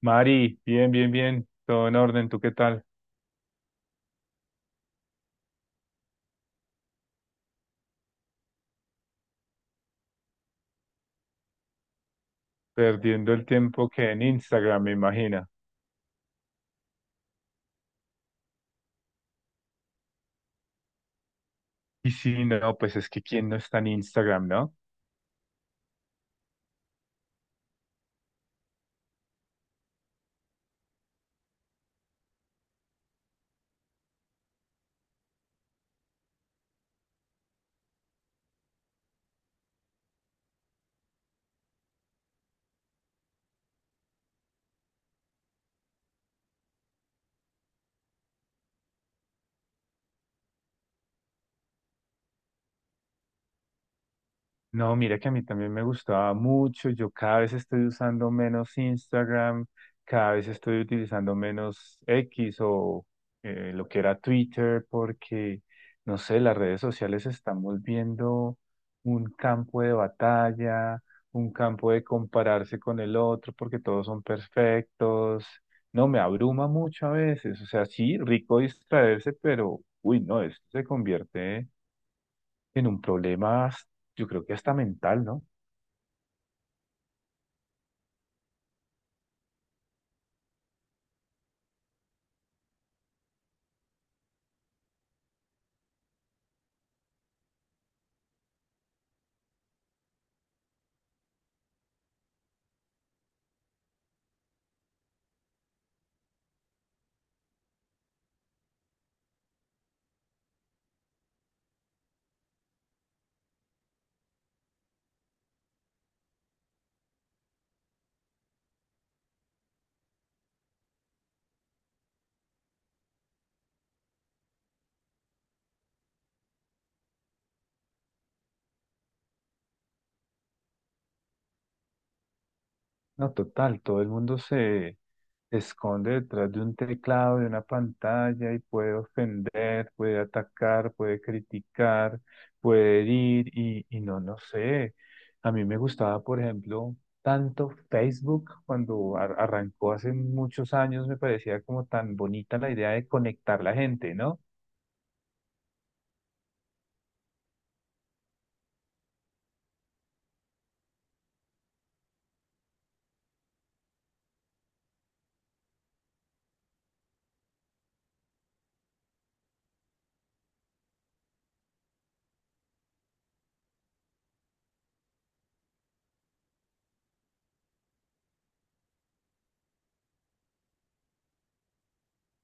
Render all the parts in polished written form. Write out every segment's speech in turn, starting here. Mari, bien, bien, bien, todo en orden, ¿tú qué tal? Perdiendo el tiempo que en Instagram, me imagina. Y sí, no, pues es que quién no está en Instagram, ¿no? No, mira que a mí también me gustaba mucho. Yo cada vez estoy usando menos Instagram, cada vez estoy utilizando menos X o lo que era Twitter, porque, no sé, las redes sociales se están volviendo un campo de batalla, un campo de compararse con el otro, porque todos son perfectos. No, me abruma mucho a veces. O sea, sí, rico distraerse, pero, uy, no, esto se convierte en un problema, yo creo que hasta mental, ¿no? No, total, todo el mundo se esconde detrás de un teclado, de una pantalla y puede ofender, puede atacar, puede criticar, puede herir y no, no sé. A mí me gustaba, por ejemplo, tanto Facebook cuando arrancó hace muchos años, me parecía como tan bonita la idea de conectar la gente, ¿no?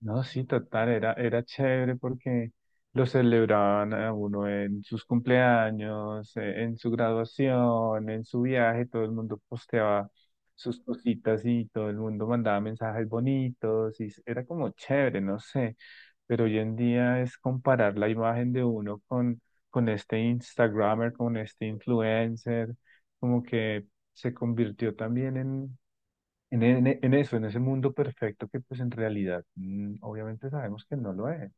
No, sí, total, era chévere porque lo celebraban a uno en sus cumpleaños, en su graduación, en su viaje, todo el mundo posteaba sus cositas y todo el mundo mandaba mensajes bonitos y era como chévere, no sé, pero hoy en día es comparar la imagen de uno con este Instagramer, con este influencer, como que se convirtió también en eso, en ese mundo perfecto que pues en realidad, mm, obviamente sabemos que no lo es.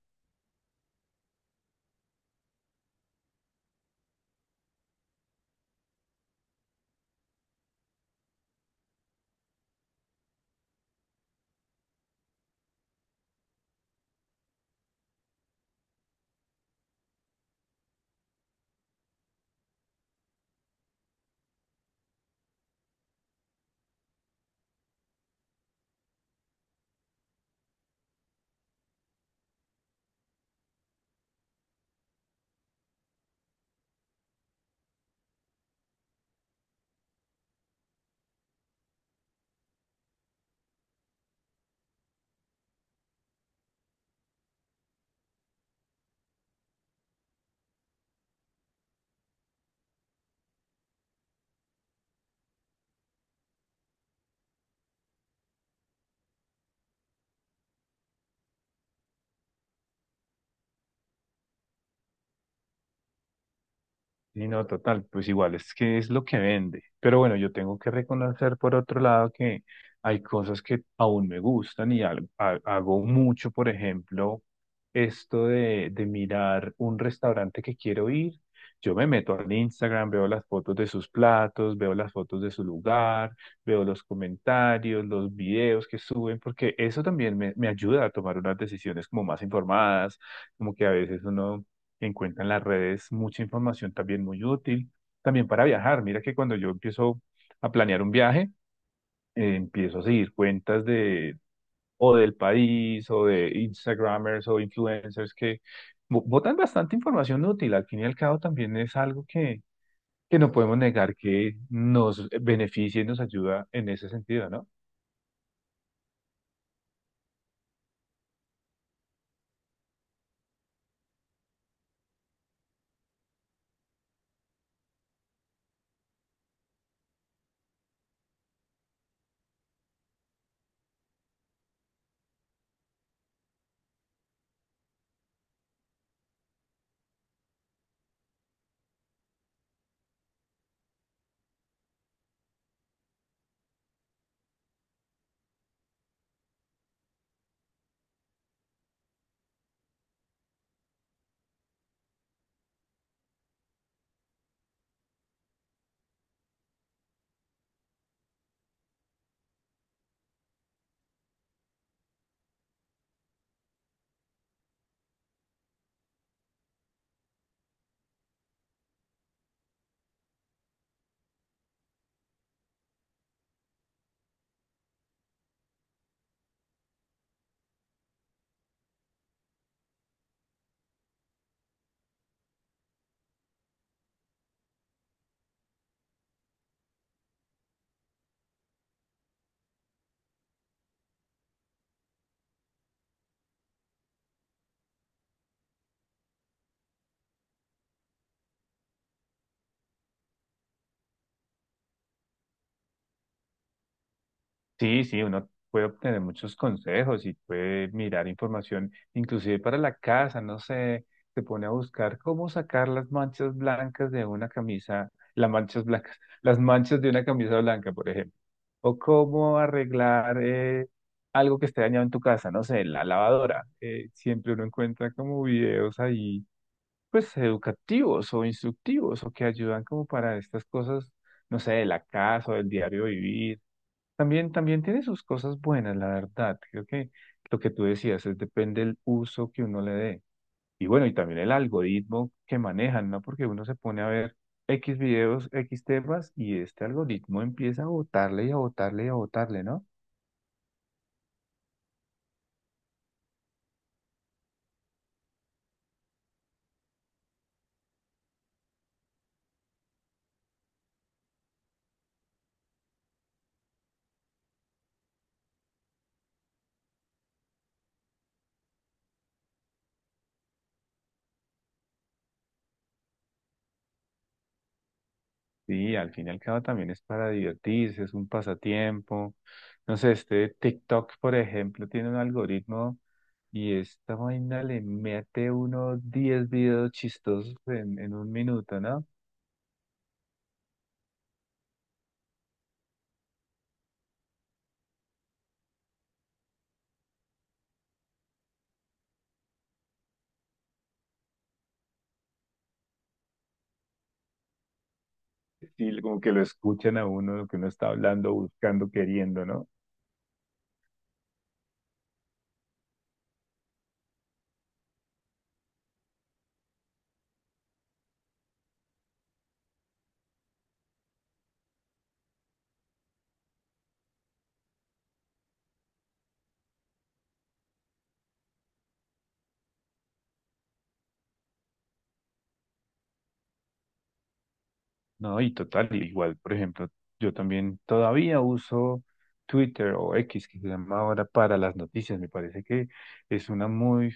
Sí, no, total, pues igual es que es lo que vende. Pero bueno, yo tengo que reconocer por otro lado que hay cosas que aún me gustan y hago mucho, por ejemplo, esto de mirar un restaurante que quiero ir. Yo me meto al Instagram, veo las fotos de sus platos, veo las fotos de su lugar, veo los comentarios, los videos que suben, porque eso también me ayuda a tomar unas decisiones como más informadas, como que a veces uno encuentra en las redes mucha información también muy útil, también para viajar. Mira que cuando yo empiezo a planear un viaje, empiezo a seguir cuentas de o del país o de Instagramers o influencers que botan bastante información útil. Al fin y al cabo también es algo que no podemos negar que nos beneficia y nos ayuda en ese sentido, ¿no? Sí, sí, uno puede obtener muchos consejos y puede mirar información, inclusive para la casa, no sé, se pone a buscar cómo sacar las manchas blancas de una camisa, las manchas blancas, las manchas de una camisa blanca, por ejemplo, o cómo arreglar algo que esté dañado en tu casa, no sé, la lavadora. Siempre uno encuentra como videos ahí, pues educativos o instructivos o que ayudan como para estas cosas, no sé, de la casa o del diario vivir también, también tiene sus cosas buenas, la verdad. Creo que lo que tú decías es depende del uso que uno le dé. Y bueno, y también el algoritmo que manejan, ¿no? Porque uno se pone a ver X videos, X temas, y este algoritmo empieza a botarle y a botarle y a botarle, ¿no? Sí, al fin y al cabo también es para divertirse, es un pasatiempo. No sé, este TikTok, por ejemplo, tiene un algoritmo y esta vaina le mete unos 10 videos chistosos en un minuto, ¿no? Sí, como que lo escuchan a uno, lo que uno está hablando, buscando, queriendo, ¿no? No, y total, igual, por ejemplo, yo también todavía uso Twitter o X, que se llama ahora, para las noticias. Me parece que es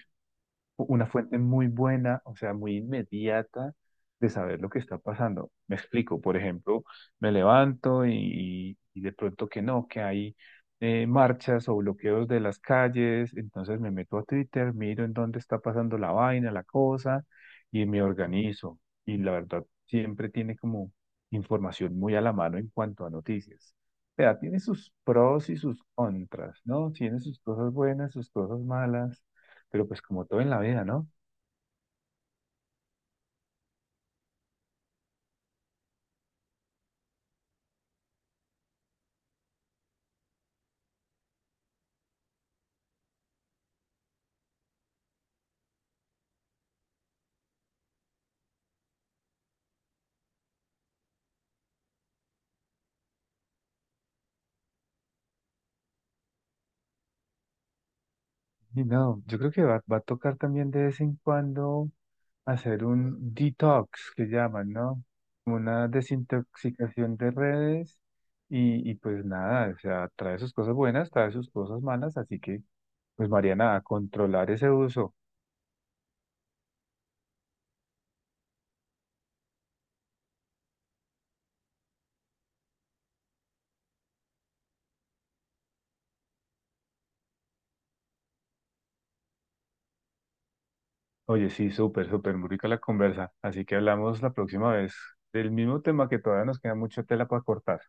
una fuente muy buena, o sea, muy inmediata de saber lo que está pasando. Me explico, por ejemplo, me levanto y de pronto que no, que hay marchas o bloqueos de las calles, entonces me meto a Twitter, miro en dónde está pasando la vaina, la cosa, y me organizo. Y la verdad, siempre tiene como información muy a la mano en cuanto a noticias. O sea, tiene sus pros y sus contras, ¿no? Tiene sus cosas buenas, sus cosas malas. Pero pues como todo en la vida, ¿no? Y no, yo creo que va a tocar también de vez en cuando hacer un detox, que llaman, ¿no? Como una desintoxicación de redes y pues nada, o sea, trae sus cosas buenas, trae sus cosas malas, así que pues Mariana, a controlar ese uso. Oye, sí, súper, súper, muy rica la conversa, así que hablamos la próxima vez del mismo tema que todavía nos queda mucha tela para cortar.